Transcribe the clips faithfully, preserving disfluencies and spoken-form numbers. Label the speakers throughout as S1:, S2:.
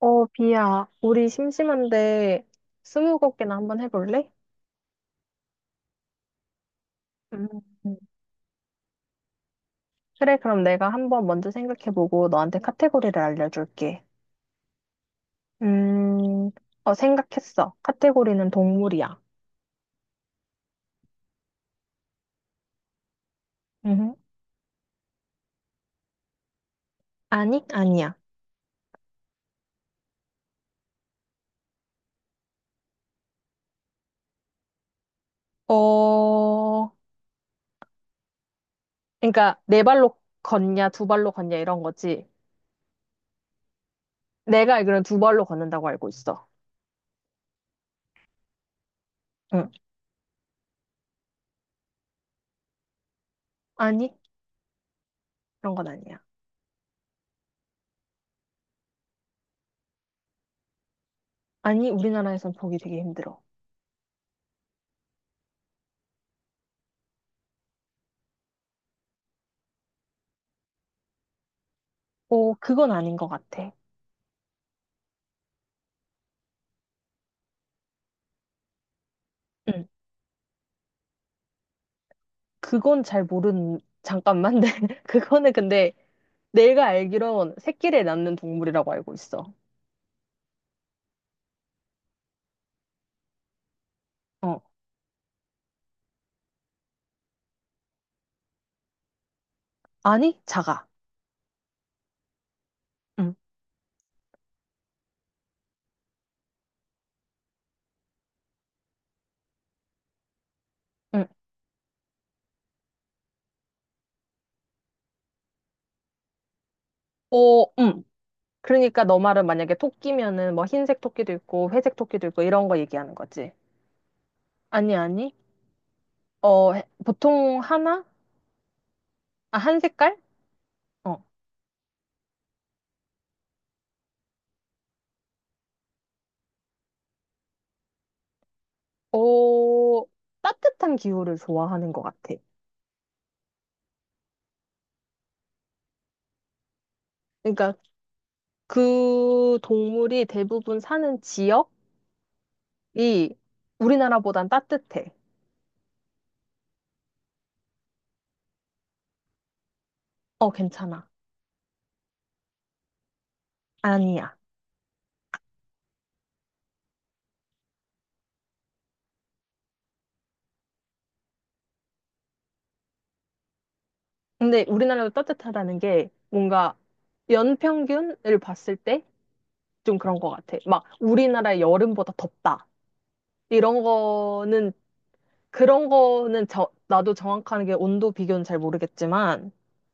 S1: 어, 비야, 우리 심심한데 스무고개나 한번 해볼래? 음, 음. 그래, 그럼 내가 한번 먼저 생각해보고 너한테 카테고리를 알려줄게. 음, 어, 생각했어. 카테고리는 동물이야. 음, 아니? 아니야. 어, 그러니까 네 발로 걷냐, 두 발로 걷냐 이런 거지. 내가 알기로는 두 발로 걷는다고 알고 있어. 응. 아니? 그런 건 아니야. 아니, 우리나라에선 보기 되게 힘들어. 어, 그건 아닌 것 같아. 그건 잘 모르는, 잠깐만. 네. 그거는 근데 내가 알기론 새끼를 낳는 동물이라고 알고 있어. 어. 아니, 작아. 응, 응. 어, 응. 그러니까 너 말은 만약에 토끼면은 뭐 흰색 토끼도 있고 회색 토끼도 있고 이런 거 얘기하는 거지. 아니, 아니. 어, 해- 보통 하나? 아, 한 색깔? 어. 어, 따뜻한 기후를 좋아하는 것 같아. 그러니까 그 동물이 대부분 사는 지역이 우리나라보단 따뜻해. 어, 괜찮아. 아니야. 근데 우리나라도 따뜻하다는 게 뭔가 연평균을 봤을 때 좀 그런 것 같아. 막 우리나라 여름보다 덥다. 이런 거는, 그런 거는 저, 나도 정확한 게 온도 비교는 잘 모르겠지만,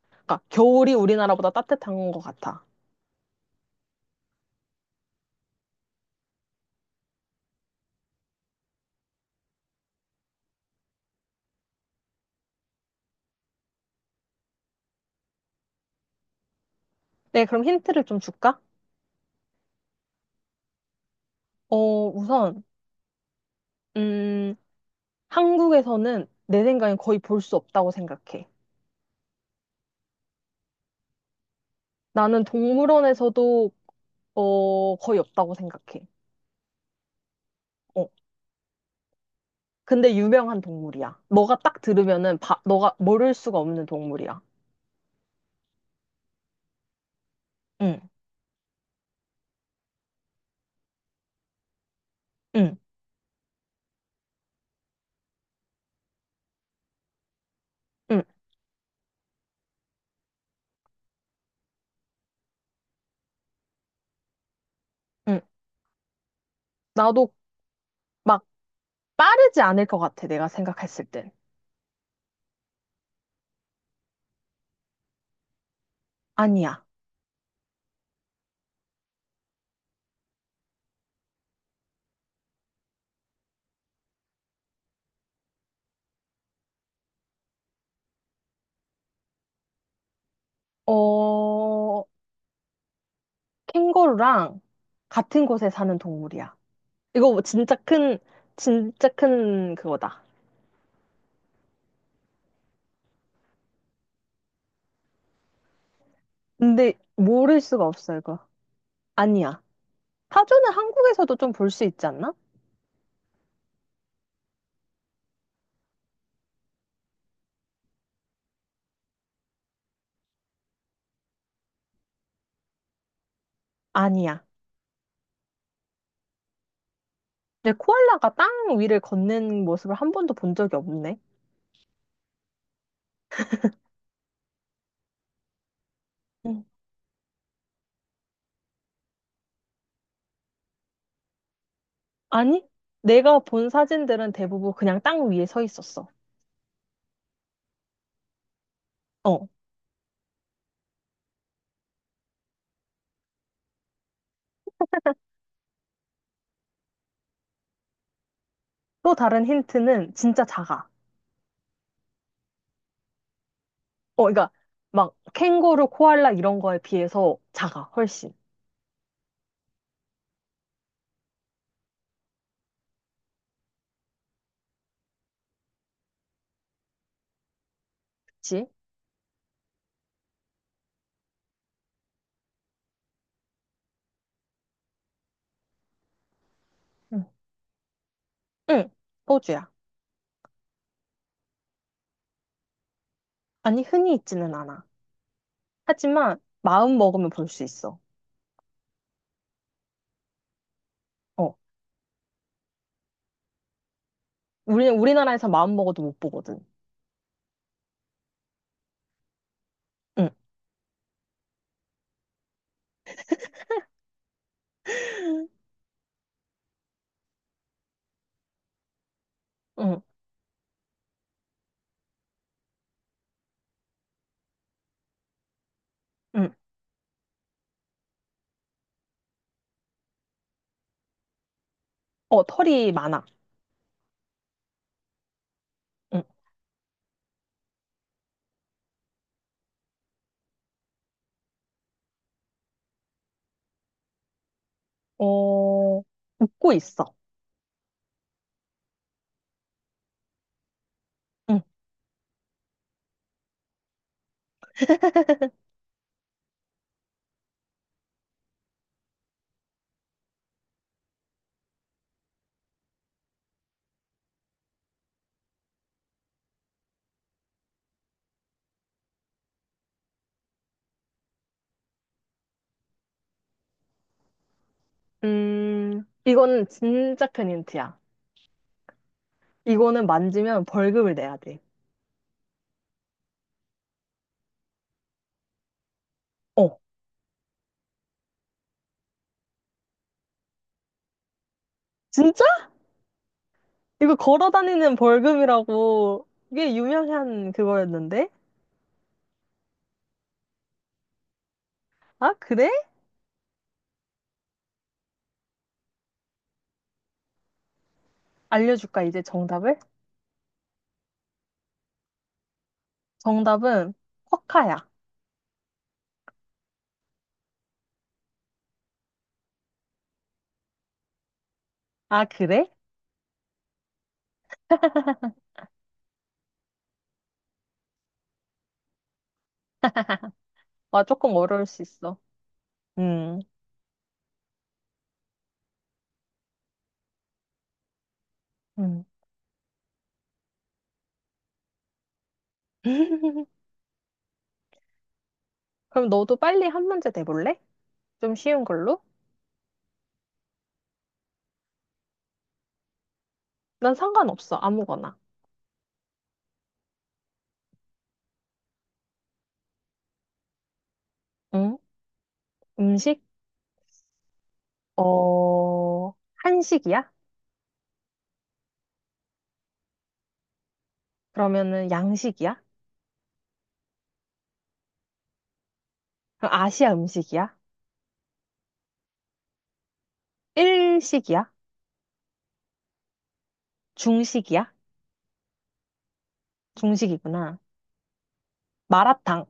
S1: 그러니까 겨울이 우리나라보다 따뜻한 것 같아. 네, 그럼 힌트를 좀 줄까? 어, 우선, 음, 한국에서는 내 생각엔 거의 볼 수 없다고 생각해. 나는 동물원에서도, 어, 거의 없다고 생각해. 어. 근데 유명한 동물이야. 너가 딱 들으면은 바, 너가 모를 수가 없는 동물이야. 응, 응, 응, 응. 나도 막 빠르지 않을 것 같아. 내가 생각했을 땐. 아니야. 어, 캥거루랑 같은 곳에 사는 동물이야. 이거 뭐 진짜 큰, 진짜 큰 그거다. 근데 모를 수가 없어, 이거. 아니야. 타조는 한국에서도 좀 볼 수 있지 않나? 아니야. 내 코알라가 땅 위를 걷는 모습을 한 번도 본 적이 없네. 아니, 내가 본 사진들은 대부분 그냥 땅 위에 서 있었어. 어. 또 다른 힌트는 진짜 작아. 어, 그러니까 막 캥거루, 코알라 이런 거에 비해서 작아, 훨씬. 그치? 응. 응, 호주야. 아니, 흔히 있지는 않아. 하지만 마음 먹으면 볼 수 있어. 어. 우리, 우리나라에서 마음 먹어도 못 보거든. 응, 응, 응. 어, 털이 많아. 응. 어, 웃고 있어. 응. 음, 이건 진짜 큰 힌트야. 이거는 만지면 벌금을 내야 돼. 어. 진짜? 이거 걸어 다니는 벌금이라고 이게 유명한 그거였는데? 아, 그래? 알려줄까, 이제 정답을? 정답은 쿼카야. 아, 그래? 아, 조금 어려울 수 있어. 음, 음. 그럼 너도 빨리 한 문제 내볼래? 좀 쉬운 걸로? 난 상관없어, 아무거나. 응? 음식? 어, 한식이야? 그러면은 양식이야? 그럼 아시아 음식이야? 일식이야? 중식이야? 중식이구나. 마라탕.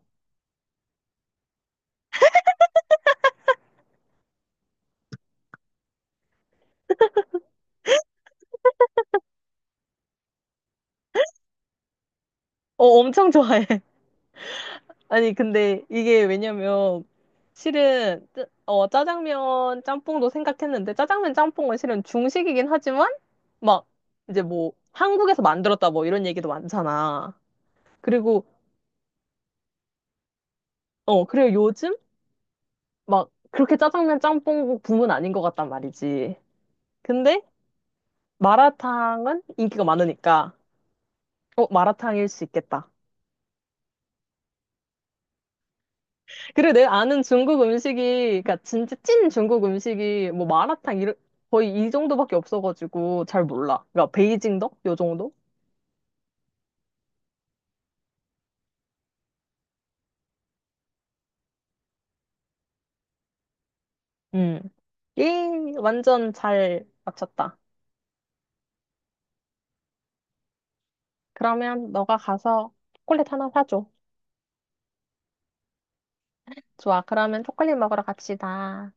S1: 어, 엄청 좋아해. 아니, 근데 이게 왜냐면, 실은, 짜- 어, 짜장면 짬뽕도 생각했는데, 짜장면 짬뽕은 실은 중식이긴 하지만, 막, 이제 뭐, 한국에서 만들었다 뭐 이런 얘기도 많잖아. 그리고, 어, 그리고 요즘, 막, 그렇게 짜장면 짬뽕 붐은 아닌 것 같단 말이지. 근데, 마라탕은 인기가 많으니까, 어, 마라탕일 수 있겠다. 그래, 내가 아는 중국 음식이, 그니까 진짜 찐 중국 음식이 뭐 마라탕 이런 거의 이 정도밖에 없어가지고 잘 몰라. 그러니까 베이징덕 요 정도? 음. 예, 완전 잘 맞췄다. 그러면 너가 가서 초콜릿 하나 사줘. 좋아, 그러면 초콜릿 먹으러 갑시다.